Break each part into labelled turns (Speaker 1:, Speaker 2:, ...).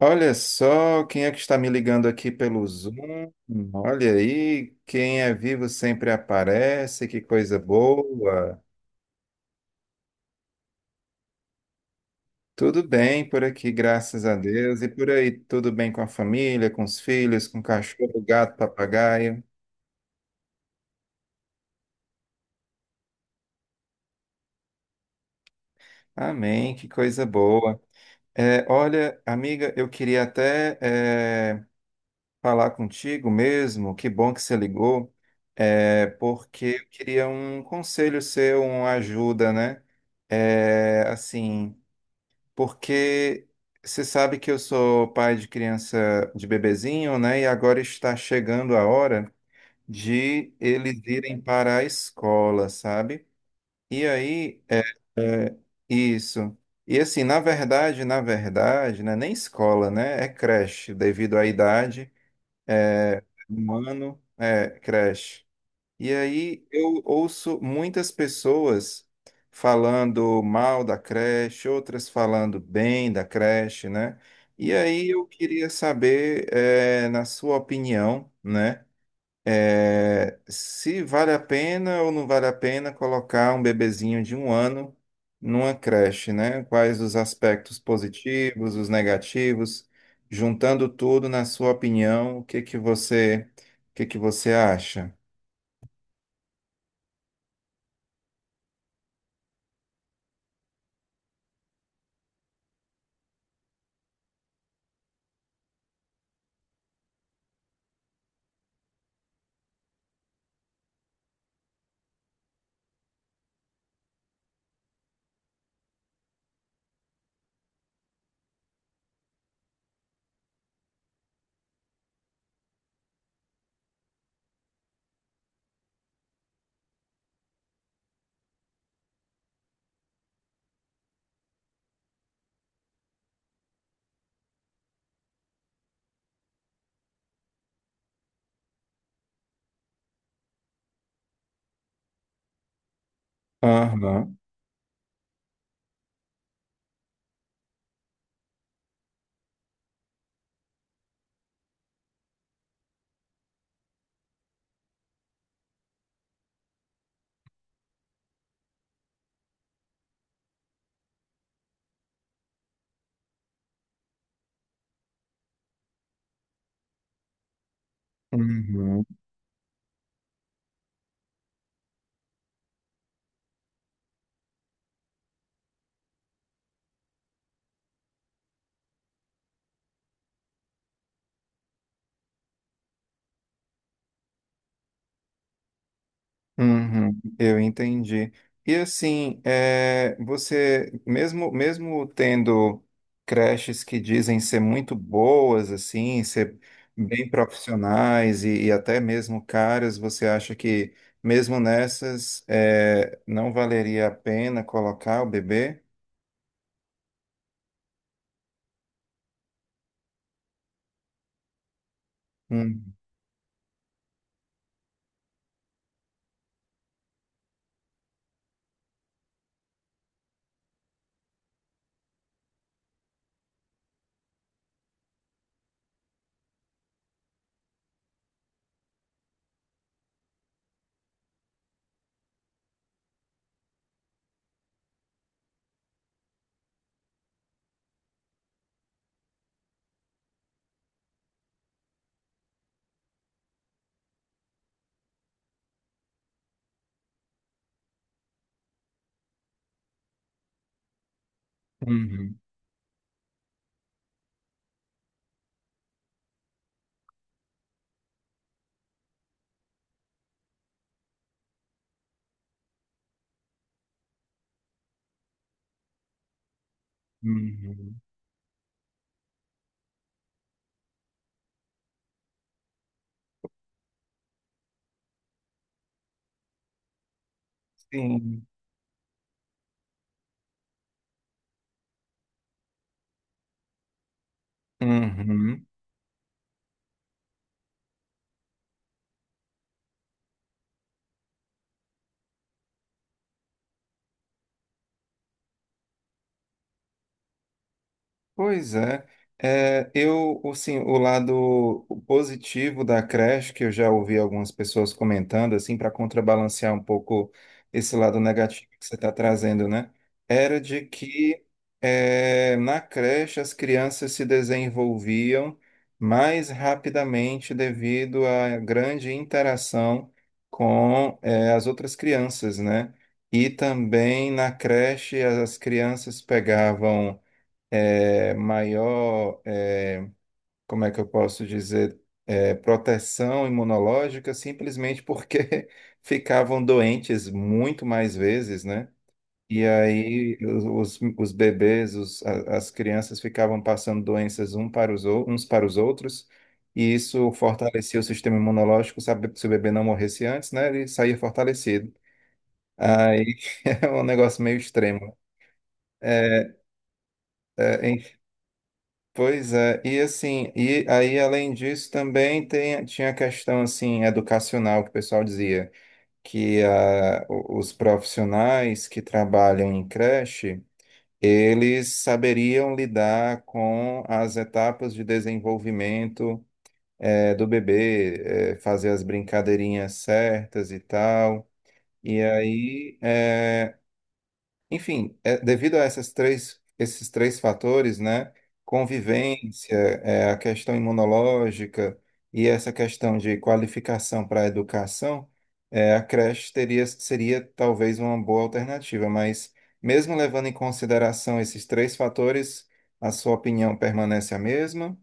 Speaker 1: Olha só quem é que está me ligando aqui pelo Zoom. Olha aí, quem é vivo sempre aparece, que coisa boa. Tudo bem por aqui, graças a Deus. E por aí, tudo bem com a família, com os filhos, com o cachorro, gato, papagaio. Amém, que coisa boa. É, olha, amiga, eu queria até falar contigo mesmo. Que bom que você ligou, é, porque eu queria um conselho seu, uma ajuda, né? É, assim, porque você sabe que eu sou pai de criança de bebezinho, né? E agora está chegando a hora de eles irem para a escola, sabe? E aí, é isso. E assim, na verdade, né? Nem escola, né? É creche, devido à idade, um ano, é creche. E aí eu ouço muitas pessoas falando mal da creche, outras falando bem da creche, né? E aí eu queria saber, na sua opinião, né? Se vale a pena ou não vale a pena colocar um bebezinho de um ano numa creche, né? Quais os aspectos positivos, os negativos, juntando tudo, na sua opinião, o que que você acha? Aham. Uhum, uhum, eu entendi. E assim, é, você, mesmo tendo creches que dizem ser muito boas, assim, ser bem profissionais e até mesmo caras, você acha que mesmo nessas, é, não valeria a pena colocar o bebê? Uhum, uhum, uhum. Sim. Uhum. Pois é. É, eu, assim, o lado positivo da creche, que eu já ouvi algumas pessoas comentando, assim, para contrabalancear um pouco esse lado negativo que você está trazendo, né? Era de que é, na creche as crianças se desenvolviam mais rapidamente devido à grande interação com é, as outras crianças, né? E também na creche as crianças pegavam é, maior, é, como é que eu posso dizer, é, proteção imunológica, simplesmente porque ficavam doentes muito mais vezes, né? E aí os bebês, as crianças ficavam passando doenças um para os, uns para os outros, e isso fortalecia o sistema imunológico, sabe, se o bebê não morresse antes, né? Ele saía fortalecido. Aí é um negócio meio extremo. É, é, Pois é, e assim, e aí além disso também tem, tinha a questão assim educacional que o pessoal dizia que ah, os profissionais que trabalham em creche, eles saberiam lidar com as etapas de desenvolvimento do bebê, fazer as brincadeirinhas certas e tal. E aí enfim, é, devido a esses três fatores, né? Convivência, é, a questão imunológica e essa questão de qualificação para a educação, é, seria talvez uma boa alternativa, mas mesmo levando em consideração esses três fatores, a sua opinião permanece a mesma?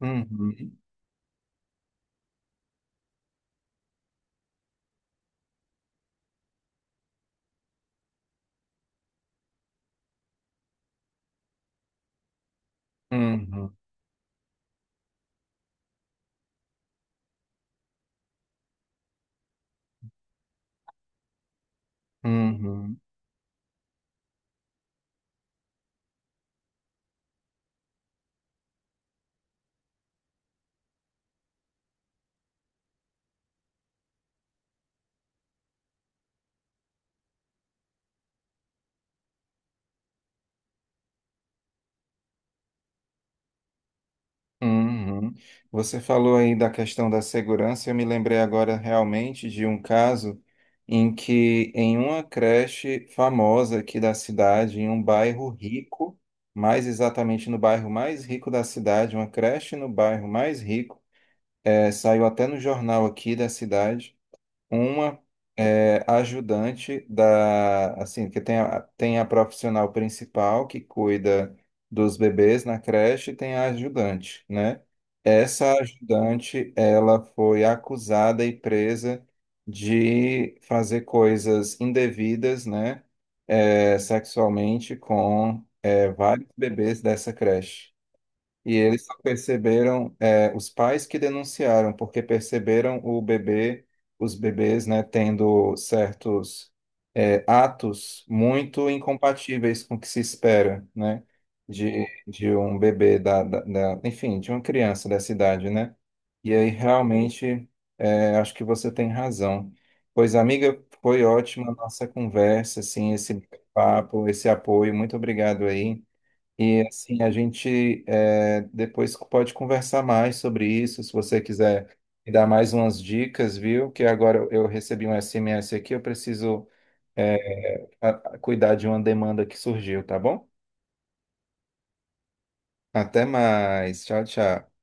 Speaker 1: Uhum, uhum, uhum. Uhum. Você falou aí da questão da segurança. Eu me lembrei agora realmente de um caso em que, em uma creche famosa aqui da cidade, em um bairro rico, mais exatamente no bairro mais rico da cidade, uma creche no bairro mais rico, saiu até no jornal aqui da cidade uma é, ajudante da, assim, que tem a, tem a profissional principal que cuida dos bebês na creche e tem a ajudante, né? Essa ajudante, ela foi acusada e presa de fazer coisas indevidas, né? é, sexualmente com é, vários bebês dessa creche. E eles só perceberam, é, os pais que denunciaram, porque perceberam o bebê, os bebês, né, tendo certos, é, atos muito incompatíveis com o que se espera, né, de um bebê enfim, de uma criança dessa idade, né? E aí realmente, é, acho que você tem razão. Pois, amiga, foi ótima a nossa conversa, assim, esse papo, esse apoio. Muito obrigado aí. E assim, a gente é, depois pode conversar mais sobre isso, se você quiser me dar mais umas dicas, viu? Que agora eu recebi um SMS aqui, eu preciso é, a- cuidar de uma demanda que surgiu, tá bom? Até mais. Tchau, tchau.